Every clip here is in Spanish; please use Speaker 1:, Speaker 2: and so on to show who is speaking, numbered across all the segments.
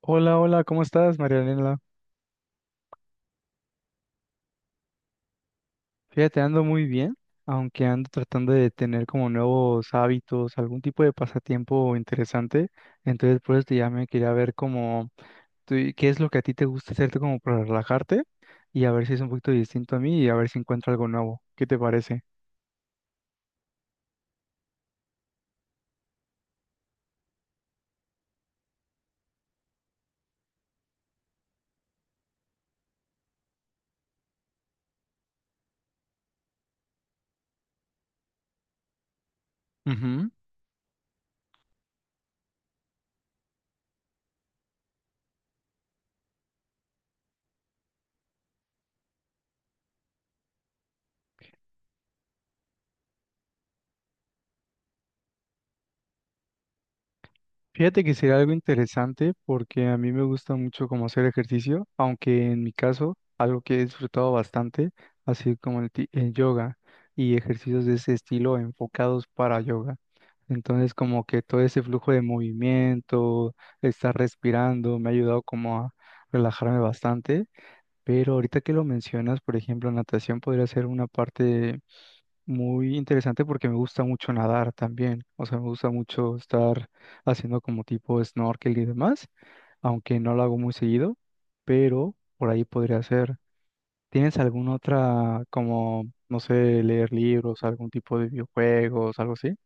Speaker 1: Hola, hola, ¿cómo estás, Marianela? Fíjate, ando muy bien, aunque ando tratando de tener como nuevos hábitos, algún tipo de pasatiempo interesante. Entonces, por eso te llamé, quería ver cómo, qué es lo que a ti te gusta hacerte como para relajarte y a ver si es un poquito distinto a mí y a ver si encuentro algo nuevo. ¿Qué te parece? Fíjate que sería algo interesante porque a mí me gusta mucho como hacer ejercicio, aunque en mi caso algo que he disfrutado bastante ha sido como el, el yoga y ejercicios de ese estilo enfocados para yoga. Entonces como que todo ese flujo de movimiento, estar respirando, me ha ayudado como a relajarme bastante. Pero ahorita que lo mencionas, por ejemplo, natación podría ser una parte muy interesante porque me gusta mucho nadar también, o sea, me gusta mucho estar haciendo como tipo snorkel y demás, aunque no lo hago muy seguido, pero por ahí podría ser. ¿Tienes alguna otra como, no sé, leer libros, algún tipo de videojuegos, algo así?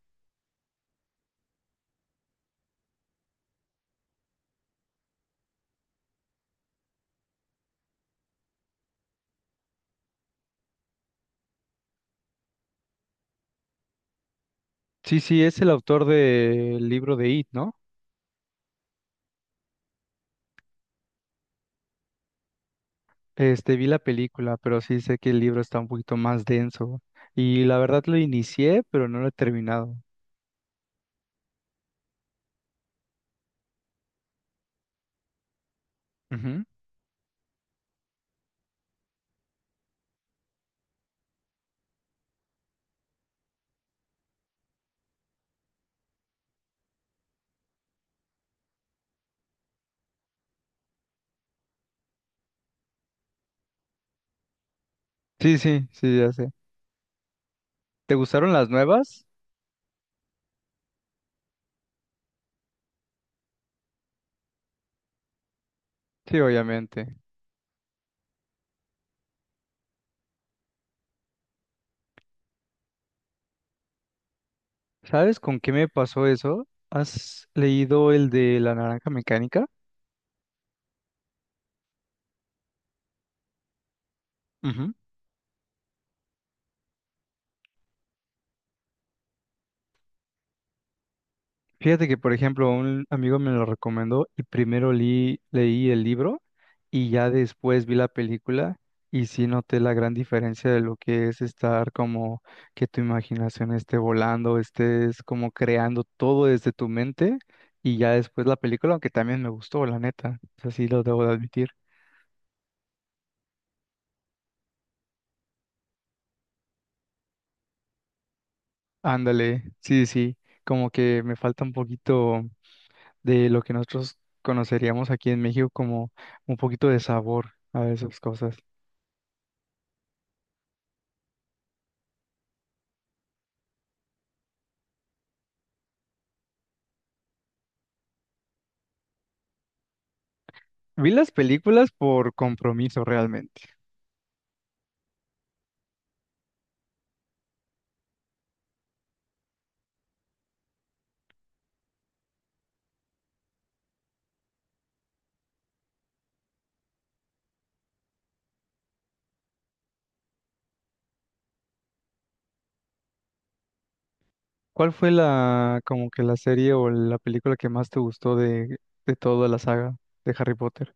Speaker 1: Sí, sí, es el autor del libro de It, ¿no? Este, vi la película, pero sí sé que el libro está un poquito más denso y la verdad lo inicié, pero no lo he terminado. Ujú. Sí, sí, sí, ya sé. ¿Te gustaron las nuevas? Sí, obviamente. ¿Sabes con qué me pasó eso? ¿Has leído el de La Naranja Mecánica? Ujú. Fíjate que, por ejemplo, un amigo me lo recomendó y primero leí el libro y ya después vi la película y sí noté la gran diferencia de lo que es estar como que tu imaginación esté volando, estés como creando todo desde tu mente y ya después la película, aunque también me gustó, la neta, así lo debo de admitir. Ándale, sí, sí, como que me falta un poquito de lo que nosotros conoceríamos aquí en México como un poquito de sabor a esas cosas. Vi las películas por compromiso realmente. ¿Cuál fue la, como que la serie o la película que más te gustó de toda la saga de Harry Potter?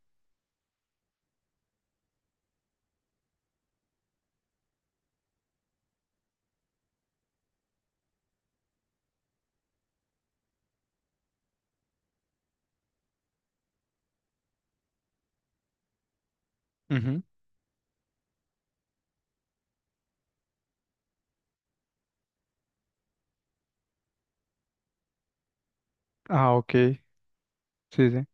Speaker 1: Ujú. Ah, ok, sí, sí.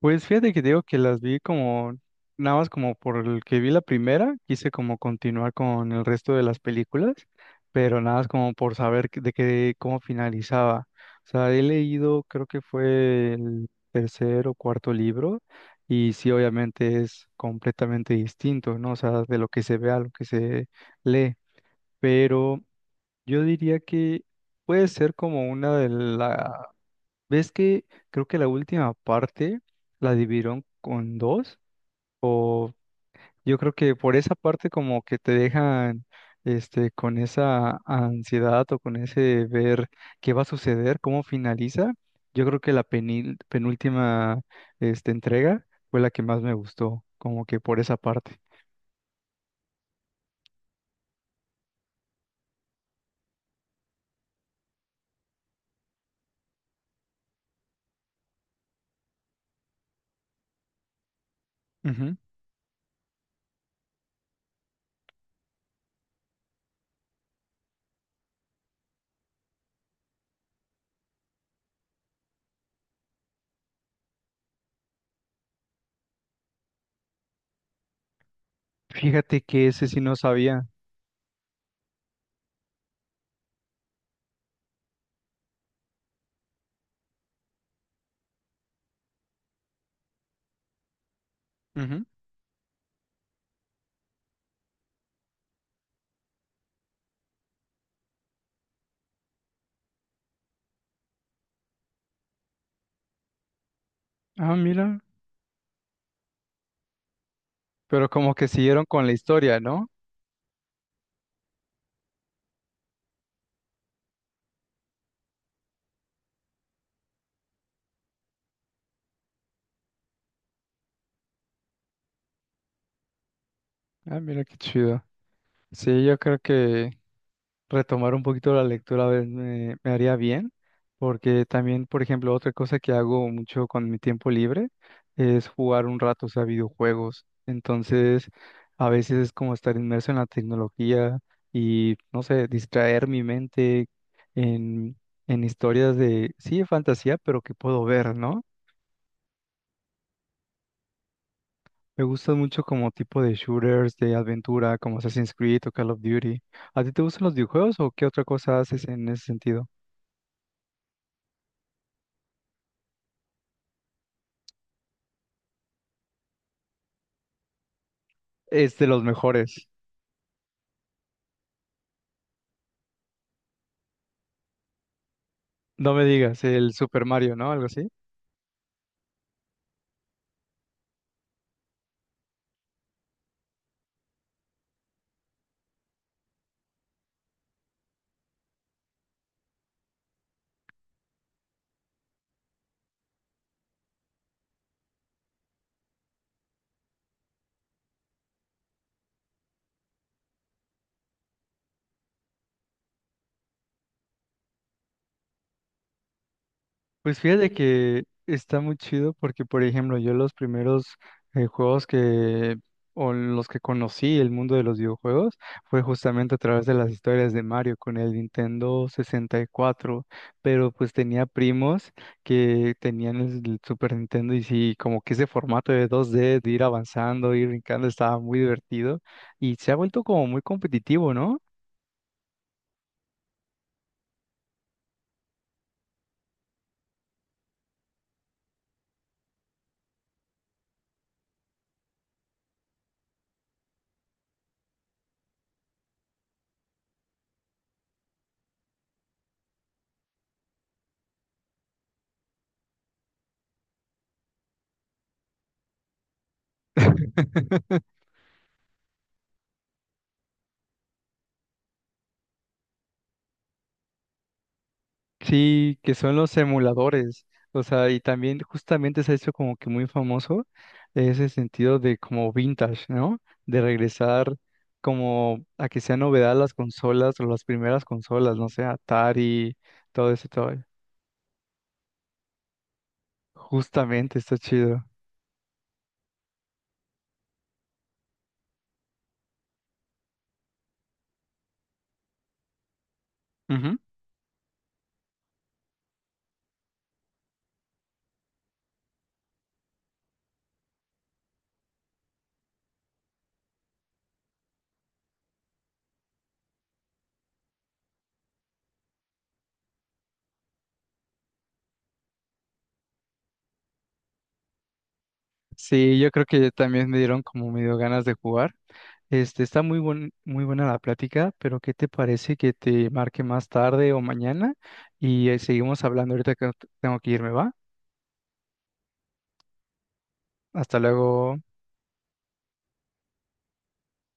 Speaker 1: Pues fíjate que digo que las vi como, nada más como por el que vi la primera, quise como continuar con el resto de las películas, pero nada más como por saber de qué, cómo finalizaba. O sea, he leído, creo que fue el tercer o cuarto libro, y sí, obviamente es completamente distinto, ¿no? O sea, de lo que se ve a lo que se lee, pero yo diría que puede ser como una de las. Ves que creo que la última parte la dividieron con dos, o yo creo que por esa parte como que te dejan este con esa ansiedad o con ese ver qué va a suceder, cómo finaliza. Yo creo que la penúltima este, entrega fue la que más me gustó, como que por esa parte. Ujú. Fíjate que ese sí no sabía. Ujú. Ah, mira. Pero como que siguieron con la historia, ¿no? Ah, mira qué chido. Sí, yo creo que retomar un poquito la lectura a ver, me haría bien, porque también, por ejemplo, otra cosa que hago mucho con mi tiempo libre es jugar un rato, o sea, videojuegos. Entonces, a veces es como estar inmerso en la tecnología y, no sé, distraer mi mente en, en historias de, sí, de fantasía, pero que puedo ver, ¿no? Me gustan mucho como tipo de shooters, de aventura, como Assassin's Creed o Call of Duty. ¿A ti te gustan los videojuegos o qué otra cosa haces en ese sentido? Es de los mejores. No me digas, el Super Mario, ¿no? Algo así. Pues fíjate que está muy chido porque, por ejemplo, yo los primeros juegos o los que conocí el mundo de los videojuegos, fue justamente a través de las historias de Mario con el Nintendo 64, pero pues tenía primos que tenían el Super Nintendo y sí, como que ese formato de dos d de ir avanzando, ir brincando, estaba muy divertido y se ha vuelto como muy competitivo, ¿no? Sí, que son los emuladores. O sea, y también justamente se ha hecho como que muy famoso ese sentido de como vintage, ¿no? De regresar como a que sea novedad las consolas o las primeras consolas, no sé, Atari, todo ese todo. Justamente, está chido. Ujú. Sí, yo creo que también me dieron como medio ganas de jugar. Este, está muy buen, muy buena la plática, pero ¿qué te parece que te marque más tarde o mañana? Y seguimos hablando ahorita que tengo que irme, ¿va? Hasta luego.